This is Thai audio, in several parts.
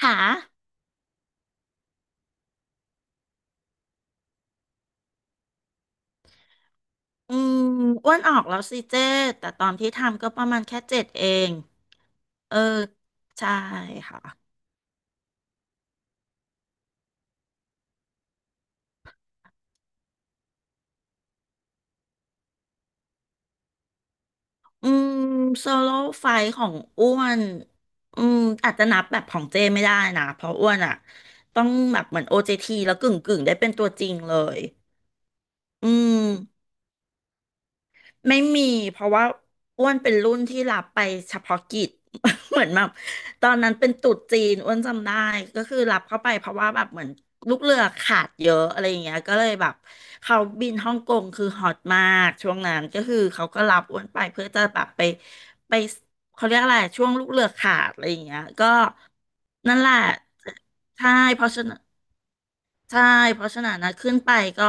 ค่ะอืมอ้วนออกแล้วสิเจ้แต่ตอนที่ทำก็ประมาณแค่เจ็ดเอง เออ ใช่ค่ะ อืมโซโล่ไฟท์ของอ้วนอืมอาจจะนับแบบของเจ้ไม่ได้นะ เพราะอ้วนอ่ะต้องแบบเหมือน OJT แล้วกึ่งได้เป็นตัวจริงเลย อืม ไม่มีเพราะว่าอ้วนเป็นรุ่นที่รับไปเฉพาะกิจ เหมือนแบบตอนนั้นเป็นตรุษจีนอ้วนจำได้ก็คือรับเข้าไปเพราะว่าแบบเหมือนลูกเรือขาดเยอะอะไรอย่างเงี้ยก็เลยแบบเขาบินฮ่องกงคือฮอตมากช่วงนั้นก็คือเขาก็รับอ้วนไปเพื่อจะแบบไปเขาเรียกอะไรช่วงลูกเรือขาดอะไรอย่างเงี้ยก็นั่นแหละใช่เพราะฉะนั้น ใช่เพราะฉะนั้นนะขึ้นไปก็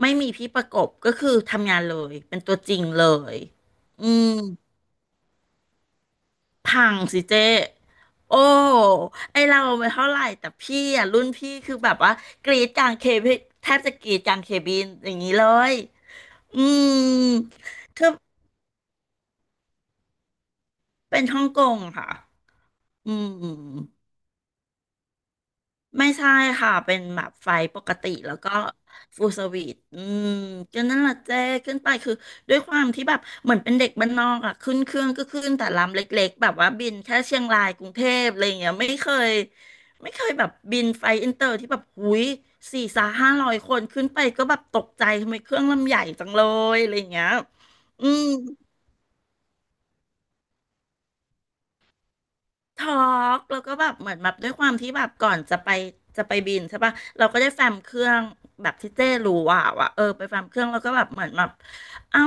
ไม่มีพี่ประกบก็คือทำงานเลยเป็นตัวจริงเลยอืมพังสิเจ๊โอ้ไอเราไม่เท่าไหร่แต่พี่อ่ะรุ่นพี่คือแบบว่ากรีดกลางเคบินแทบจะกรีดกลางเคบินอย่างนี้เลยอืมคือเป็นฮ่องกงค่ะอืม ไม่ใช่ค่ะ เป็นแบบไฟปกติแล้วก็ฟูลสวีทอืมก็นั่นแหละเจ้ขึ้นไปคือด้วยความที่แบบเหมือนเป็นเด็กบ้านนอกอ่ะขึ้นเครื่องก็ขึ้นแต่ลำเล็กๆแบบว่าบินแค่เชียงรายกรุงเทพอะไรอย่างเงี้ยไม่เคยแบบบินไฟอินเตอร์ที่แบบหุยสี่สาห้าร้อยคนขึ้นไปก็แบบตกใจทำไมเครื่องลำใหญ่จังเลยอะไรอย่างเงี้ยอืม ทอล์กแล้วก็แบบเหมือนแบบด้วยความที่แบบก่อนจะไปบินใช่ปะเราก็ได้แฟ้มเครื่องแบบที่เจ้รู้ว่าว่ะเออไปแฟ้มเครื่องแล้วก็แบบเหมือนแบบเอ้า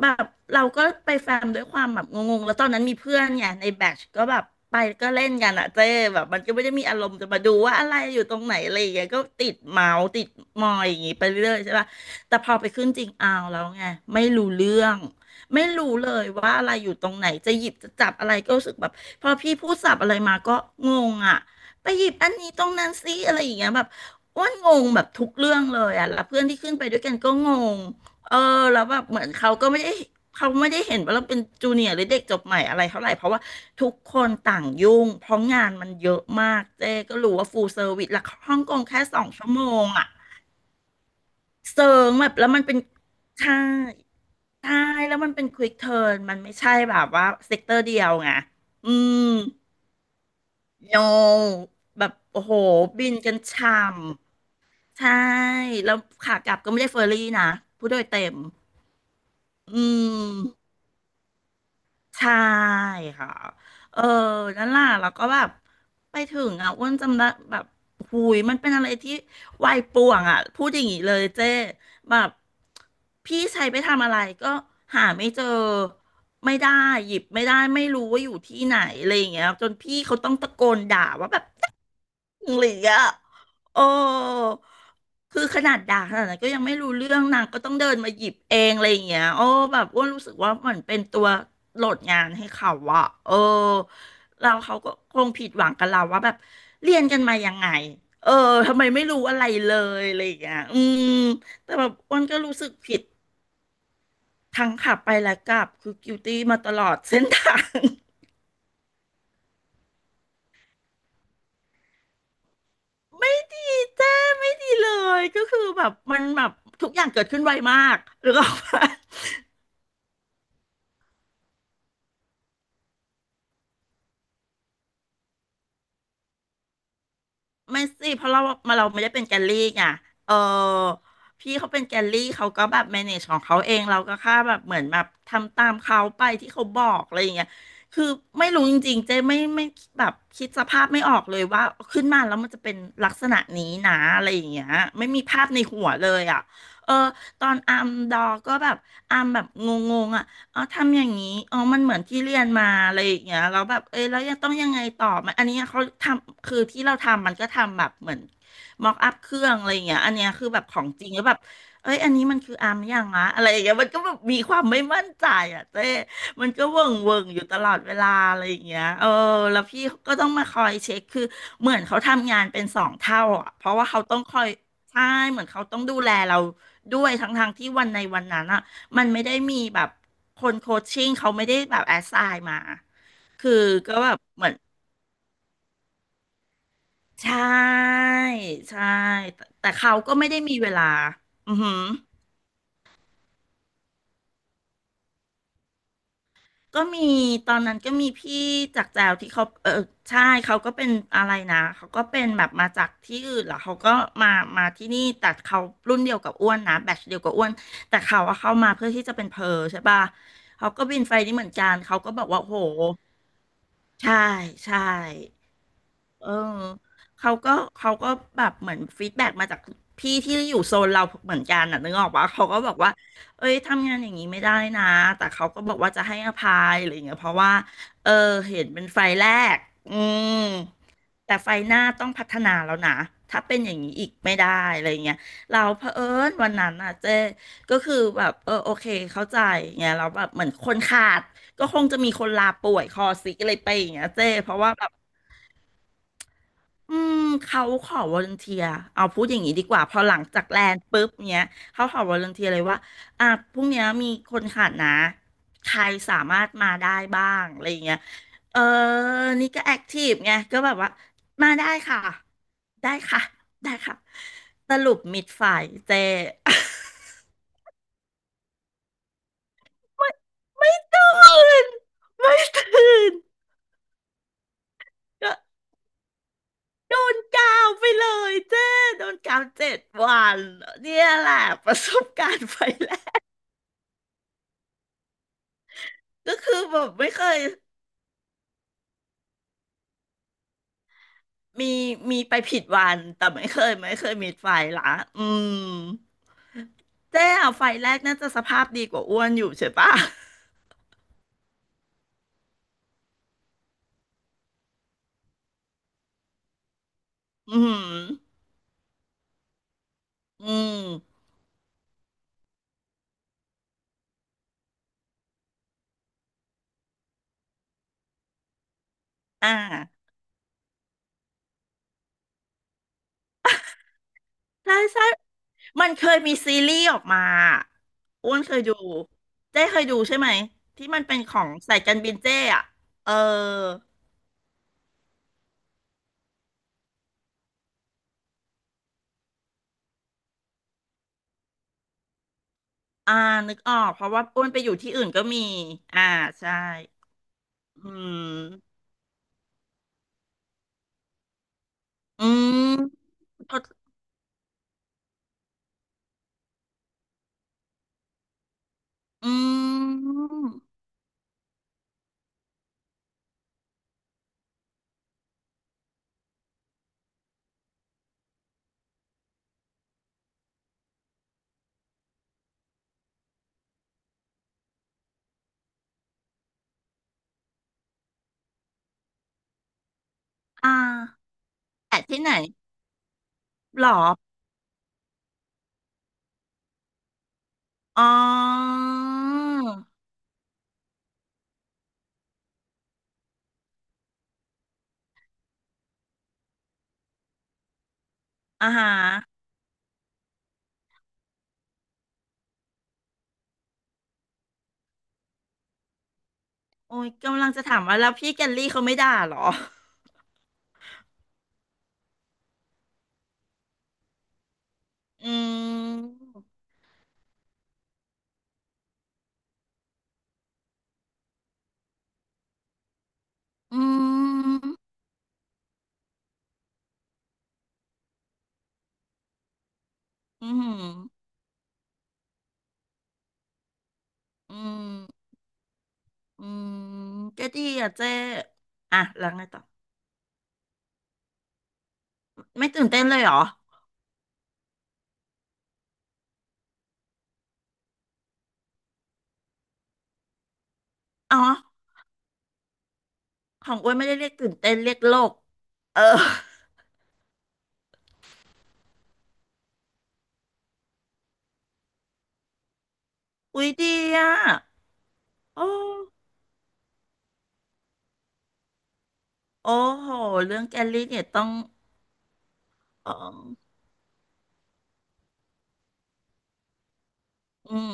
แบบเราก็ไปแฟ้มด้วยความแบบงงๆแล้วตอนนั้นมีเพื่อนเนี่ยในแบชก็แบบไปก็เล่นกันอะเจ้แบบมันก็ไม่ได้มีอารมณ์จะมาดูว่าอะไรอยู่ตรงไหนอะไรอย่างเงี้ยก็ติดเมาส์ติดมอยอย่างงี้ไปเรื่อยๆใช่ปะแต่พอไปขึ้นจริงเอาแล้วไงไม่รู้เรื่อง ไม่รู้เลยว่าอะไรอยู่ตรงไหนจะหยิบจะจับอะไรก็รู้สึกแบบพอพี่พูดศัพท์อะไรมาก็งงอ่ะไปหยิบอันนี้ตรงนั้นซิอะไรอย่างเงี้ยแบบอ้วนงงแบบทุกเรื่องเลยอ่ะแล้วเพื่อนที่ขึ้นไปด้วยกันก็งงเออแล้วแบบเหมือนเขาไม่ได้เห็นว่าเราเป็นจูเนียร์หรือเด็กจบใหม่อะไรเท่าไหร่เพราะว่าทุกคนต่างยุ่งเพราะงานมันเยอะมากเจ๊ก็รู้ว่าฟูลเซอร์วิสหลักฮ่องกงแค่สองชั่วโมงอ่ะเซิงแบบแล้วมันเป็นใช่ ใช่แล้วมันเป็นควิกเทิร์นมันไม่ใช่แบบว่าเซกเตอร์เดียวไงอืมโนแบบโอ้โหบินกันช่ำใช่แล้วขากลับก็ไม่ได้เฟอร์รี่นะผู้โดยเต็มอืม ใช่ค่ะ เออ นั่นล่ะแล้วก็แบบไปถึงอ่ะอ้วนจำได้แบบหูยมันเป็นอะไรที่วัยป่วงอ่ะ พูดอย่างนี้เลยเจ้แบบพี่ใช้ไปทำอะไรก็หาไม่เจอ ไม่ได้หยิบไม่ได้ไม่รู้ว่าอยู่ที่ไหนอะไรอย่างเงี้ยจนพี่เขาต้องตะโกนด่าว่าแบบ หรืออ่ะโอ้คือขนาดด่าขนาดนั้นก็ยังไม่รู้เรื่องนางก็ต้องเดินมาหยิบเองอะไรอย่างเงี้ยโอ้แบบอ้วนรู้สึกว่าเหมือนเป็นตัวโหลดงานให้เขาอะเออเราเขาก็คงผิดหวังกับเราว่าแบบเรียนกันมายังไง เออทำไมไม่รู้อะไรเลยอะไรอย่างเงี้ยอืมแต่แบบอ้วนก็รู้สึกผิดทั้งขับไปและกลับคือ guilty มาตลอดเส้นทาง ไม่ดีเจ้ไม่ดีเลยก็คือแบบมันแบบทุกอย่างเกิดขึ้นไวมากหรือก็ ไม่สิเพราะเรามาเราไม่ได้เป็นแกลลี่ไงเออพี่เขาเป็นแกลลี่เขาก็แบบ manage ของเขาเองเราก็แค่แบบเหมือนแบบทำตามเขาไปที่เขาบอกอะไรอย่างเงี้ยคือไม่รู้จริงๆเจ๊ไม่แบบคิดสภาพไม่ออกเลยว่าขึ้นมาแล้วมันจะเป็นลักษณะนี้นะอะไรอย่างเงี้ยไม่มีภาพในหัวเลยอ่ะเออตอนอาร์มดอก็แบบอาร์มแบบงงๆอ่ะ อ๋อทำอย่างนี้อ๋อมันเหมือนที่เรียนมาอะไรอย่างเงี้ยแล้วแบบเอ้ยแล้วยังต้องยังไงต่อมันอันนี้เขาทำคือที่เราทำมันก็ทำแบบเหมือนม็อกอัพเครื่องอะไรอย่างเงี้ยอันเนี้ยคือแบบของจริงแล้วแบบเอ้ยอันนี้มันคืออาร์มยังอะอะไรอย่างเงี้ยมันก็แบบมีความไม่มั่นใจอ่ะเจ้มันก็เวิงเวิงอยู่ตลอดเวลาอะไรอย่างเงี้ยเออแล้วพี่ก็ต้องมาคอยเช็คคือเหมือนเขาทำงานเป็นสองเท่าอ่ะเพราะว่าเขาต้องคอยใช่เหมือนเขาต้องดูแลเราด้วยทั้งทางที่วันในวันนั้นอะ มันไม่ได้มีแบบคนโคชชิ่งเขาไม่ได้แบบแอสไซน์มาคือก็แบบเหมือนใช่ใช่แต่เขาก็ไม่ได้มีเวลาอือหือก็มีตอนนั้นก็มีพี่จากแจวที่เขาเออใช่เขาก็เป็นอะไรนะเขาก็เป็นแบบมาจากที่อื่นเหรอเขาก็มามาที่นี่แต่เขารุ่นเดียวกับอ้วนนะแบทเดียวกับอ้วนแต่เขาอะเข้ามาเพื่อที่จะเป็นเพอร์ใช่ป่ะเขาก็บินไฟนี้เหมือนกันเขาก็บอกว่าโหใช่ใช่ เออเขาก็เขาก็แบบเหมือนฟีดแบ็กมาจากพี่ที่อยู่โซนเราเหมือนกันน่ะนึกออกปะเขาก็บอกว่าเอ้ยทำงานอย่างนี้ไม่ได้นะแต่เขาก็บอกว่าจะให้อภัยอะไรอย่างเงี้ยเพราะว่าเออเห็นเป็นไฟแรกอืมแต่ไฟหน้าต้องพัฒนาแล้วนะถ้าเป็นอย่างนี้อีกไม่ได้อะไราเงี้ยเราเผอิญวันนั้นน่ะเจ๊ก็คือแบบเออโอเคเข้าใจเงี้ยเราแล้วแบบเหมือนคนขาดก็คงจะมีคนลาป่วยคอสิกอะไรไปอย่างเงี้ยเจ๊เพราะว่าแบบ อืมเขาขอวอลันเทียเอาพูดอย่างนี้ดีกว่าพอหลังจากแลนด์ปุ๊บเนี้ยเขาขอวอลันเทียเลยว่าอ่ะพรุ่งเนี้ยมีคนขาดนะใครสามารถมาได้บ้างอะไรอย่างเงี้ยเออนี่ก็แอคทีฟไงก็แบบว่ามาได้ค่ะได้ค่ะได้ค่ะสรุปมิดฝ่ายเจ ไม่ตื่นไม่ตื่นก็โดนกาวไปเลยเจ้โดนกาวเจ็ดวันเนี่ยแหละประสบการณ์ไฟแล ก็คือแบบไม่เคยมีมีไปผิดวันแต่ไม่เคยมีไฟละอืมเจ๊อะไฟแรกน่าจะสภาพดีกว่าอ้วนอยู่ใช่ปะอืมอืมอ่าใช่ใช่มันเคยมีซีรีส์ออกมาอ้วนเคยดูเจ๊เคยดูใช่ไหมที่มันเป็นของสายการบินเจ๊อะเอออ่านึกออกเพราะว่าอ้วนไปอยู่ที่อื่นก็มีอ่าใช่อืมอืม อืมอ่าแต่ที่ไหนหรออ๋ออ่าฮะโอ้ยกำลังจะถามว่าแล้วพี่แกลลี่เขาไม่ด่าเหรออืมอืมอืมอืมอืมก็ดีอ่ะเจ๊อ่ะแล้วไงต่อไม่ตื่นเต้นเลยเหรออ๋อของอ้วนไม่ได้เรียกตื่นเต้นเรียกโลกเอออุ้ยดีอ่ะโอ้โอ้โหเรื่องแกลลี่เนี่ยต้องเอออืม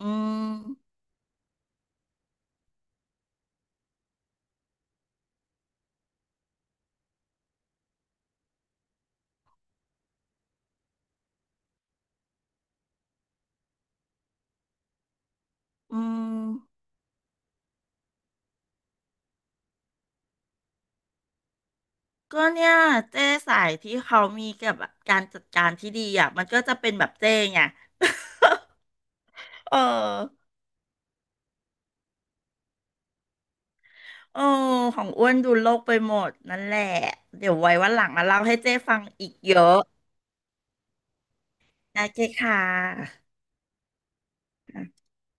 อืมอืมก็เนี่ยเจ้สายที่เขามีกับแบบการจัดการที่ดีอ่ะมันก็จะเป็นแบบเจ้ไงเออเออของอ้วนดูโลกไปหมดนั่นแหละเดี๋ยวไว้วันหลังมาเล่าให้เจ้ฟังอีกเยอะนะเจ้ค่ะ